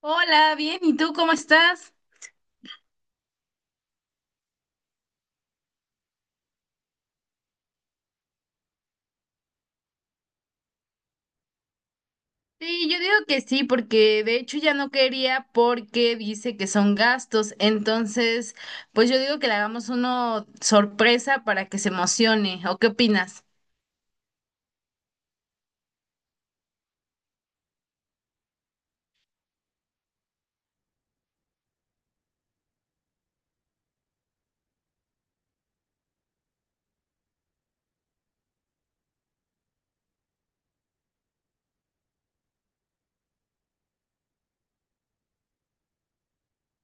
Hola, bien, ¿y tú cómo estás? Sí, yo digo que sí, porque de hecho ya no quería porque dice que son gastos, entonces pues yo digo que le hagamos uno sorpresa para que se emocione, ¿o qué opinas?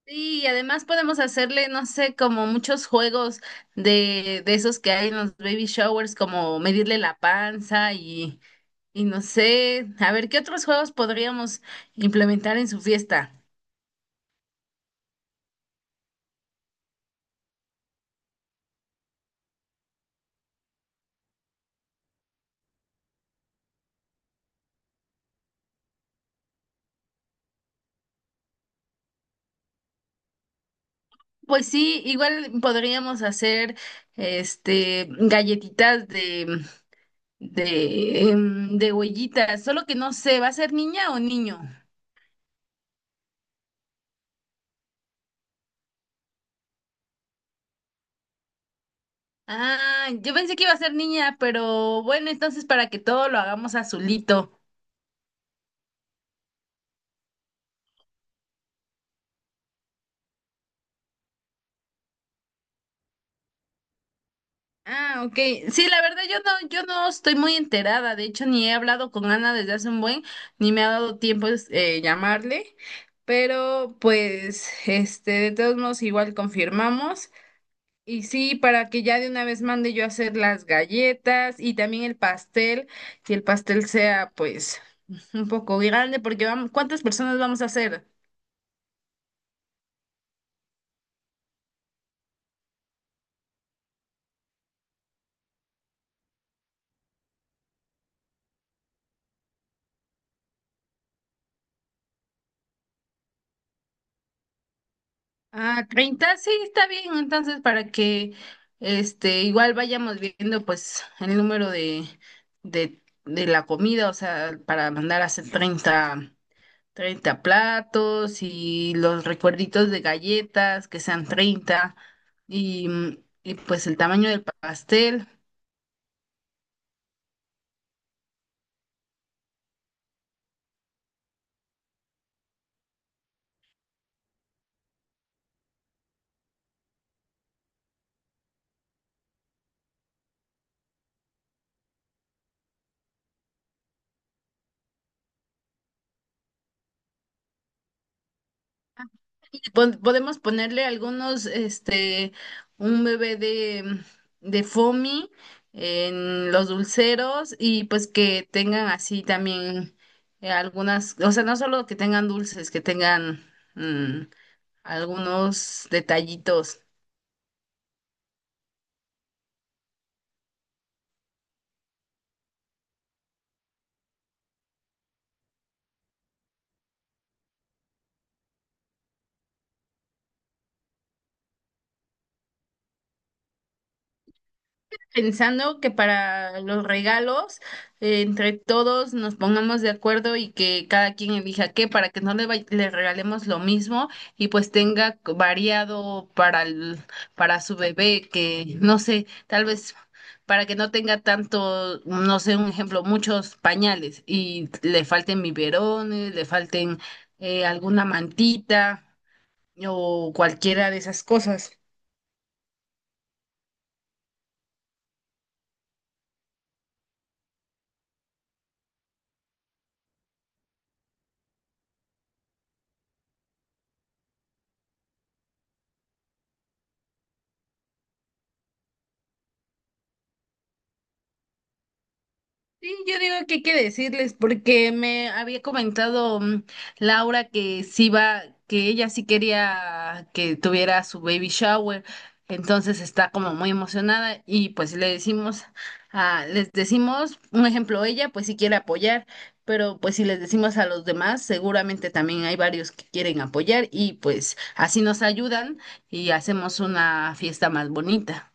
Sí, y además podemos hacerle, no sé, como muchos juegos de esos que hay en los baby showers, como medirle la panza y no sé, a ver qué otros juegos podríamos implementar en su fiesta. Pues sí, igual podríamos hacer este galletitas de huellitas, solo que no sé, ¿va a ser niña o niño? Ah, yo pensé que iba a ser niña, pero bueno, entonces para que todo lo hagamos azulito. Ah, ok. Sí, la verdad yo no, yo no estoy muy enterada. De hecho, ni he hablado con Ana desde hace un buen, ni me ha dado tiempo llamarle. Pero pues, este, de todos modos, igual confirmamos. Y sí, para que ya de una vez mande yo a hacer las galletas y también el pastel, que el pastel sea pues un poco grande, porque vamos, ¿cuántas personas vamos a hacer? Ah, 30 sí, está bien, entonces para que este igual vayamos viendo pues el número de la comida, o sea, para mandar a hacer 30 platos y los recuerditos de galletas que sean 30 y, y pues el tamaño del pastel. Pon- Podemos ponerle algunos, este, un bebé de foamy en los dulceros y pues que tengan así también algunas, o sea, no solo que tengan dulces, que tengan mm, algunos detallitos. Pensando que para los regalos, entre todos nos pongamos de acuerdo y que cada quien elija qué, para que no le, vay- le regalemos lo mismo y pues tenga c- variado para, el- para su bebé, que no sé, tal vez para que no tenga tanto, no sé, un ejemplo, muchos pañales y le falten biberones, le falten alguna mantita o cualquiera de esas cosas. Sí, yo digo que hay que decirles, porque me había comentado Laura que sí va, que ella sí quería que tuviera su baby shower, entonces está como muy emocionada y pues le decimos, a, les decimos, un ejemplo, ella pues sí quiere apoyar, pero pues si les decimos a los demás, seguramente también hay varios que quieren apoyar y pues así nos ayudan y hacemos una fiesta más bonita.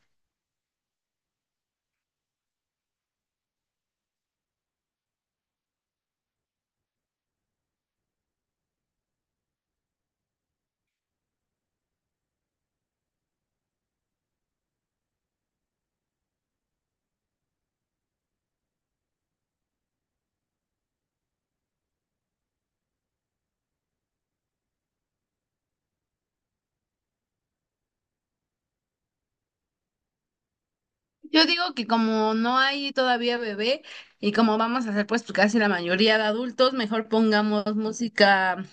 Yo digo que como no hay todavía bebé y como vamos a hacer pues casi la mayoría de adultos, mejor pongamos música,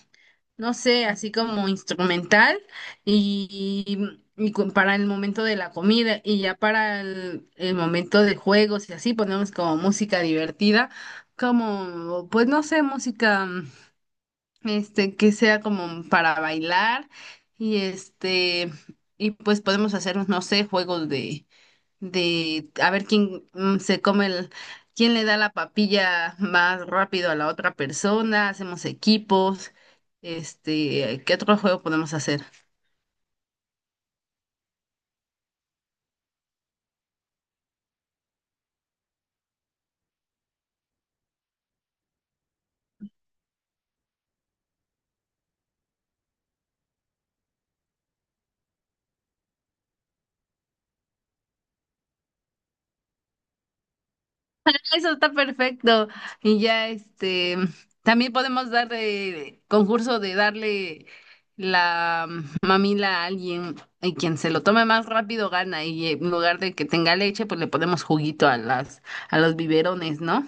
no sé, así como instrumental y cu- para el momento de la comida y ya para el momento de juegos y así ponemos como música divertida, como pues no sé, música este que sea como para bailar y este y pues podemos hacer, no sé, juegos de a ver quién se come el, quién le da la papilla más rápido a la otra persona, hacemos equipos, este, ¿qué otro juego podemos hacer? Eso está perfecto. Y ya este, también podemos dar de concurso de darle la mamila a alguien y quien se lo tome más rápido gana y en lugar de que tenga leche, pues le ponemos juguito a las a los biberones, ¿no?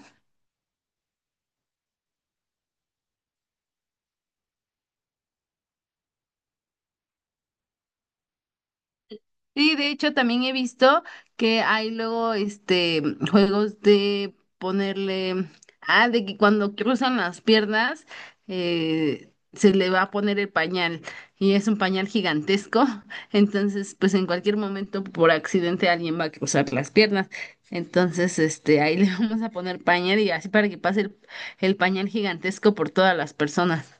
Sí, de hecho también he visto que hay luego este juegos de ponerle, ah, de que cuando cruzan las piernas se le va a poner el pañal y es un pañal gigantesco, entonces pues en cualquier momento por accidente alguien va a cruzar las piernas, entonces este ahí le vamos a poner pañal y así para que pase el pañal gigantesco por todas las personas.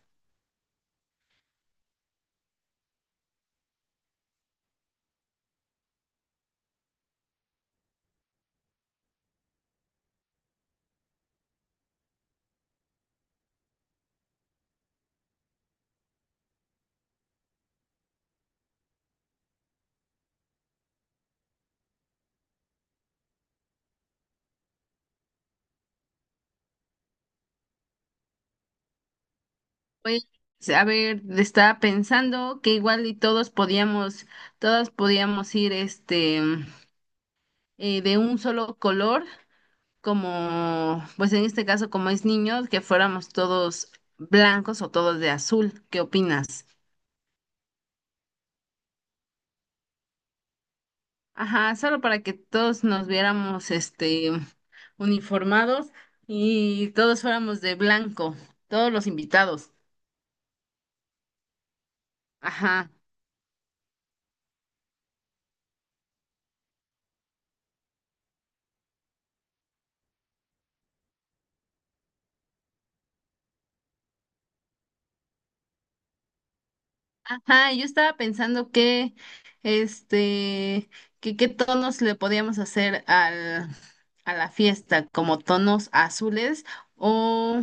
Pues, a ver, estaba pensando que igual y todos podíamos, todas podíamos ir este de un solo color, como, pues en este caso, como es niños, que fuéramos todos blancos o todos de azul. ¿Qué opinas? Ajá, solo para que todos nos viéramos este uniformados y todos fuéramos de blanco, todos los invitados. Ajá. Ajá, yo estaba pensando que, este, que qué tonos le podíamos hacer al, a la fiesta, como tonos azules o,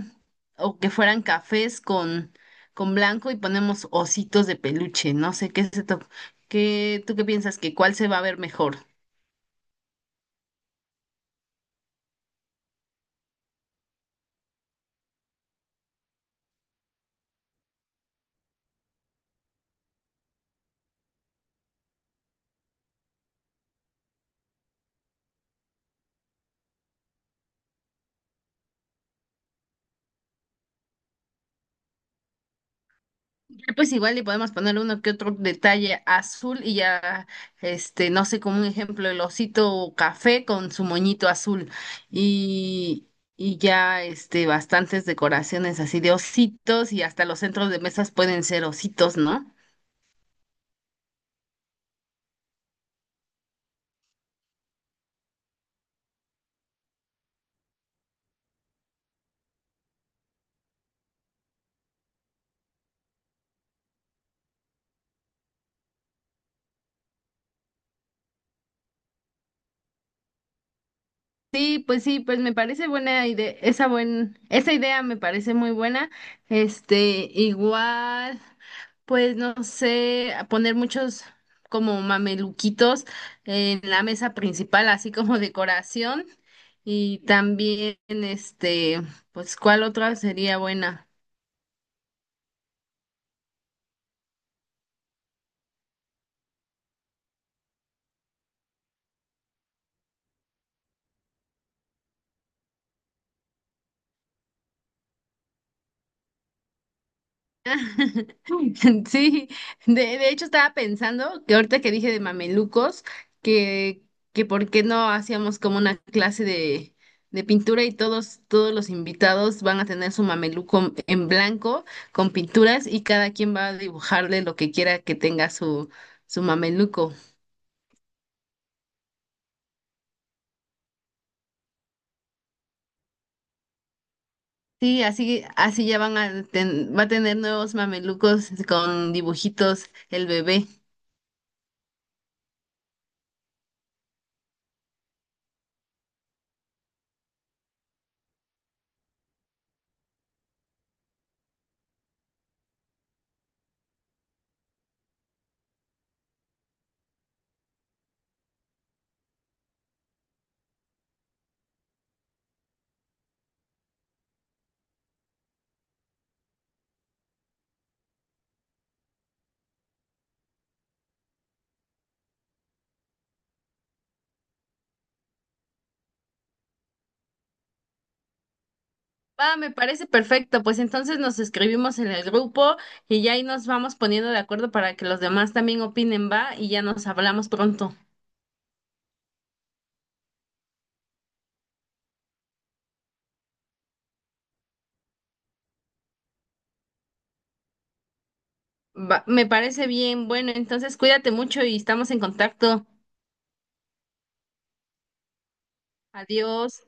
o que fueran cafés con blanco y ponemos ositos de peluche. No sé qué se to- qué, ¿tú qué piensas que cuál se va a ver mejor? Ya, pues igual le podemos poner uno que otro detalle azul y ya, este, no sé, como un ejemplo, el osito café con su moñito azul y, y ya, este, bastantes decoraciones así de ositos y hasta los centros de mesas pueden ser ositos, ¿no? Sí, pues me parece buena idea, esa buen, esa idea me parece muy buena. Este, igual, pues no sé, a poner muchos como mameluquitos en la mesa principal, así como decoración. Y también, este, pues, ¿cuál otra sería buena? Sí, de hecho estaba pensando que ahorita que dije de mamelucos, que, que por qué no hacíamos como una clase de pintura y todos, todos los invitados van a tener su mameluco en blanco con pinturas y cada quien va a dibujarle lo que quiera que tenga su, su mameluco. Sí, así, así ya van a ten- va a tener nuevos mamelucos con dibujitos el bebé. Va, me parece perfecto. Pues entonces nos escribimos en el grupo y ya ahí nos vamos poniendo de acuerdo para que los demás también opinen, va, y ya nos hablamos pronto. Va, me parece bien. Bueno, entonces cuídate mucho y estamos en contacto. Adiós.